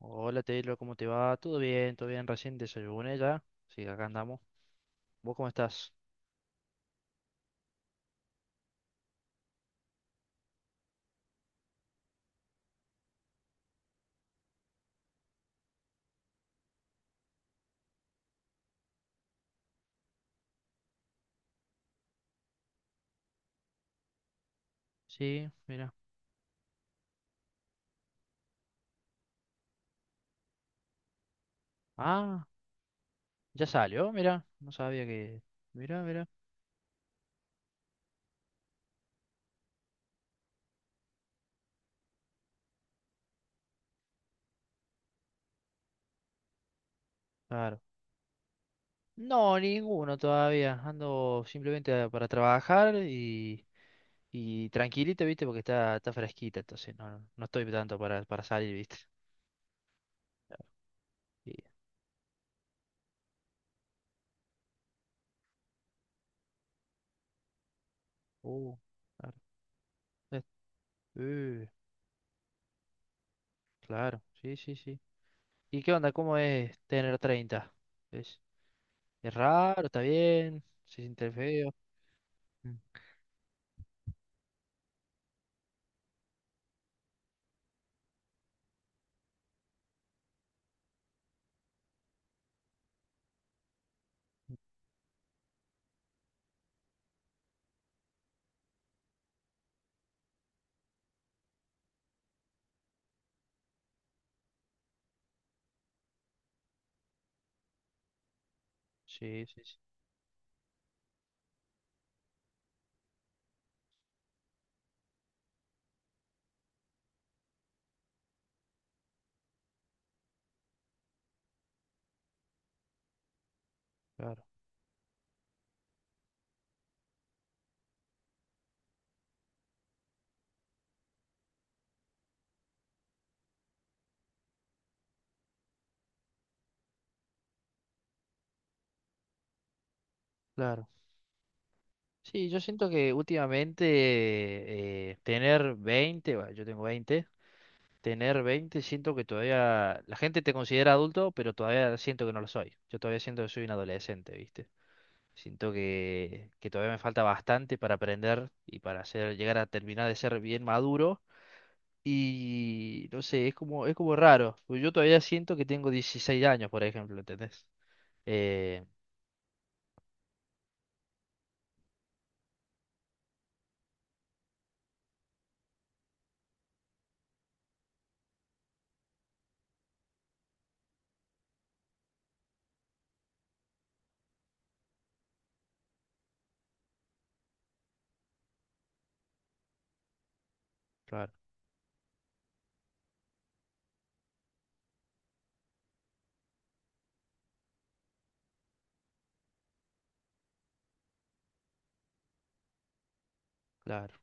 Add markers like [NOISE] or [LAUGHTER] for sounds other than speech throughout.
Hola Taylor, ¿cómo te va? ¿Todo bien? ¿Todo bien? Recién desayuné ya. Sí, acá andamos. ¿Vos cómo estás? Sí, mira. Ah, ya salió, mira. No sabía que... Mira, mira. Claro. No, ninguno todavía. Ando simplemente para trabajar y tranquilito, ¿viste? Porque está fresquita, entonces no, no estoy tanto para salir, ¿viste? Y- uh, claro. Eh, eh, claro, sí, sí, sí. ¿Y qué onda? ¿Cómo es tener 30? Es raro, está bien, se siente feo. Mm. Sí, sí, sí, claro, claro. Sí, yo siento que últimamente tener 20 bueno, yo tengo 20 tener 20 siento que todavía la gente te considera adulto, pero todavía siento que no lo soy. Yo todavía siento que soy un adolescente, ¿viste? Siento que todavía me falta bastante para aprender y para hacer, llegar a terminar de ser bien maduro. Y no sé, es como raro. Pues yo todavía siento que tengo 16 años, por ejemplo, ¿entendés? Eh, claro, claro.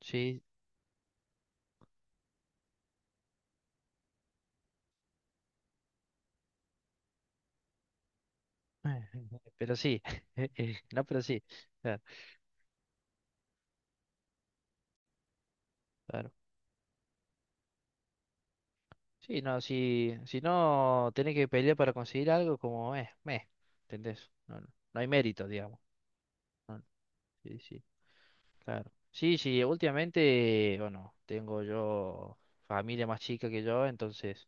Sí, [LAUGHS] pero sí. [LAUGHS] No, pero sí. Claro, claro. Sí, no, si no tenés que pelear para conseguir algo, como es, meh, ¿entendés? No, no, no hay mérito, digamos. No, no. Sí, sí, claro. Sí, sí, últimamente, bueno, tengo yo familia más chica que yo, entonces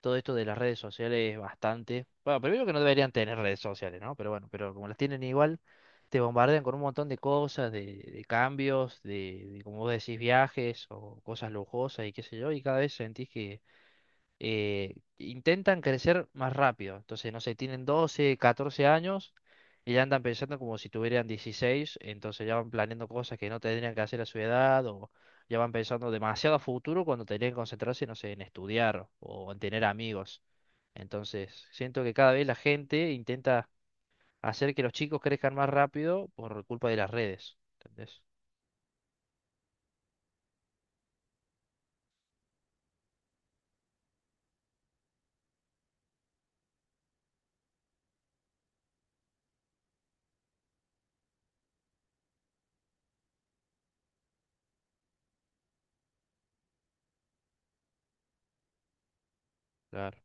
todo esto de las redes sociales es bastante. Bueno, primero que no deberían tener redes sociales, ¿no? Pero bueno, pero como las tienen igual, te bombardean con un montón de cosas, de cambios, de, como vos decís, viajes o cosas lujosas y qué sé yo, y cada vez sentís que intentan crecer más rápido. Entonces, no sé, tienen 12 14 años y ya andan pensando como si tuvieran 16, entonces ya van planeando cosas que no tendrían que hacer a su edad o ya van pensando demasiado a futuro cuando tendrían que concentrarse, no sé, en estudiar o en tener amigos. Entonces, siento que cada vez la gente intenta hacer que los chicos crezcan más rápido por culpa de las redes. ¿Entendés? Claro,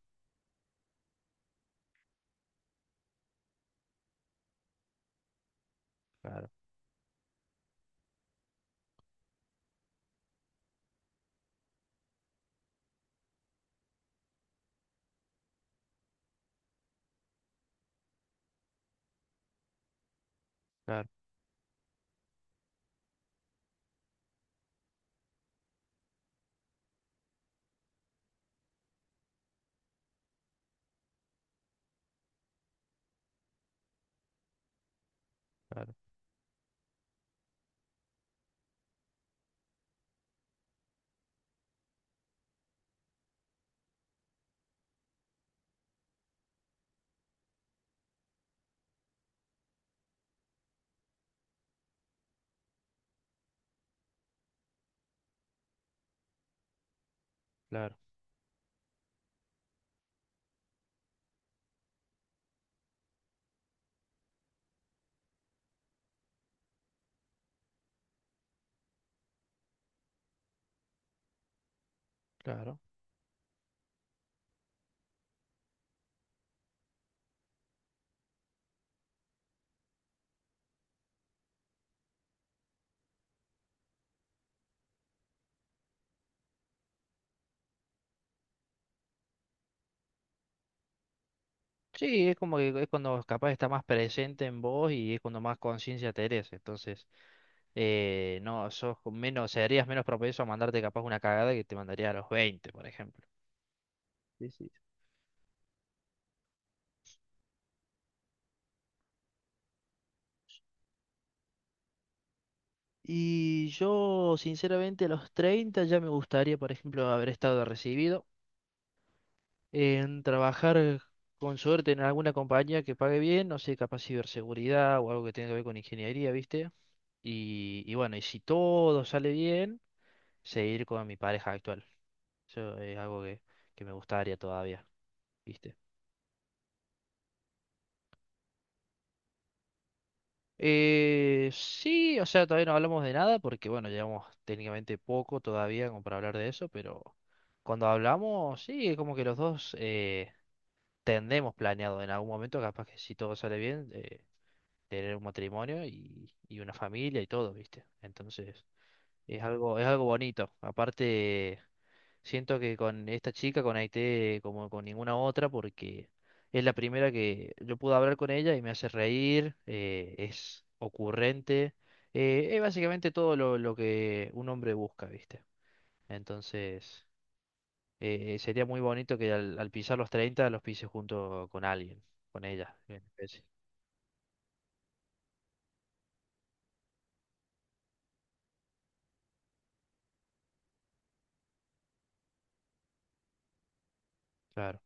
claro, claro, claro, claro, claro. Sí, es como que es cuando capaz está más presente en vos y es cuando más conciencia tenés. Entonces, no, sos con menos, serías menos propenso a mandarte capaz una cagada que te mandaría a los 20, por ejemplo. Sí, sí. Y yo, sinceramente, a los 30 ya me gustaría, por ejemplo, haber estado recibido. En trabajar con suerte en alguna compañía que pague bien, no sé, capaz ciberseguridad o algo que tenga que ver con ingeniería, ¿viste? Y bueno, y si todo sale bien, seguir con mi pareja actual. Eso es algo que me gustaría todavía, ¿viste? Sí, o sea, todavía no hablamos de nada porque, bueno, llevamos técnicamente poco todavía como para hablar de eso, pero cuando hablamos, sí, es como que los dos tendremos planeado en algún momento, capaz que si todo sale bien, tener un matrimonio y una familia y todo, ¿viste? Entonces, es algo bonito. Aparte, siento que con esta chica conecté como con ninguna otra porque es la primera que yo pude hablar con ella y me hace reír, es ocurrente, es básicamente todo lo que un hombre busca, ¿viste? Entonces, sería muy bonito que al pisar los 30 los pise junto con alguien, con ella, en especie. Claro,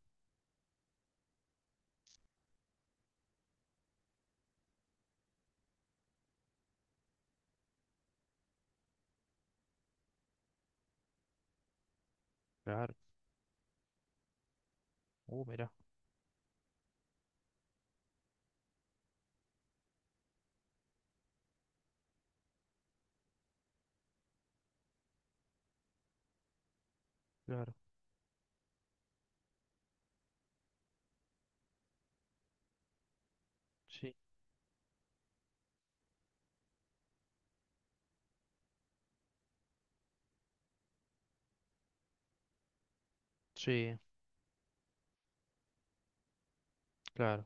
claro. Mira, claro. Sí. Sí, claro.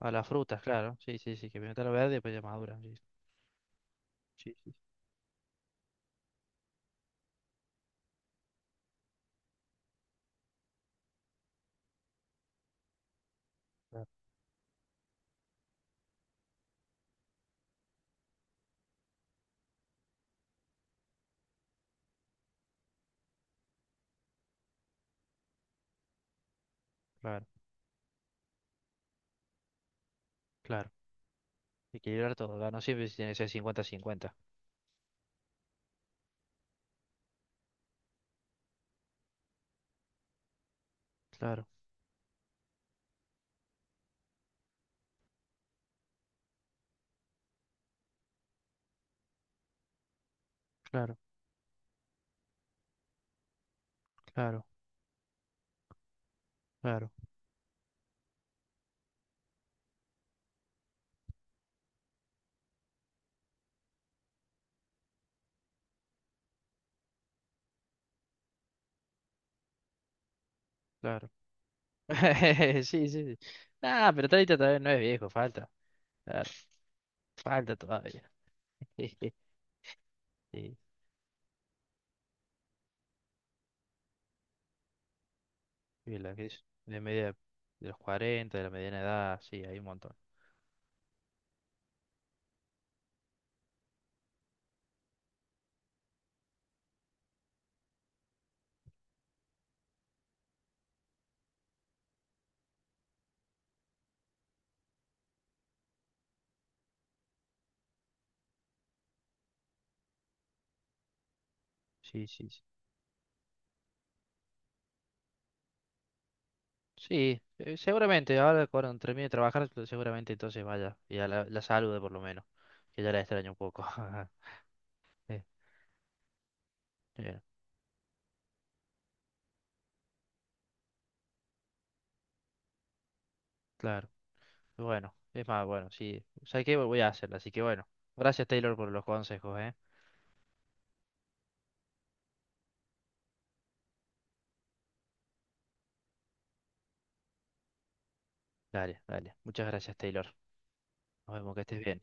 A las frutas, claro. Sí, sí, sí, que primero está lo verde y después ya madura. Sí, sí, sí, sí, claro, claro, claro. Equilibrar todo, ¿verdad? No siempre tiene que ser 50-50. Claro, claro, claro, claro, claro. [LAUGHS] Sí, sí, sí. Ah, pero 30 todavía no es viejo, falta. Claro, falta todavía. [LAUGHS] Sí, sí, la que es de media de los 40, de la mediana edad, sí, hay un montón. Sí, sí, sí. Sí, seguramente, ahora cuando termine de trabajar, seguramente entonces vaya y a la salude por lo menos, que ya la extraño un poco. [LAUGHS] Eh, eh, claro, bueno, es más, bueno, sí, ¿sabes qué? Voy a hacerla, así que bueno, gracias Taylor por los consejos, ¿eh? Dale, dale, muchas gracias Taylor, nos vemos, que estés bien.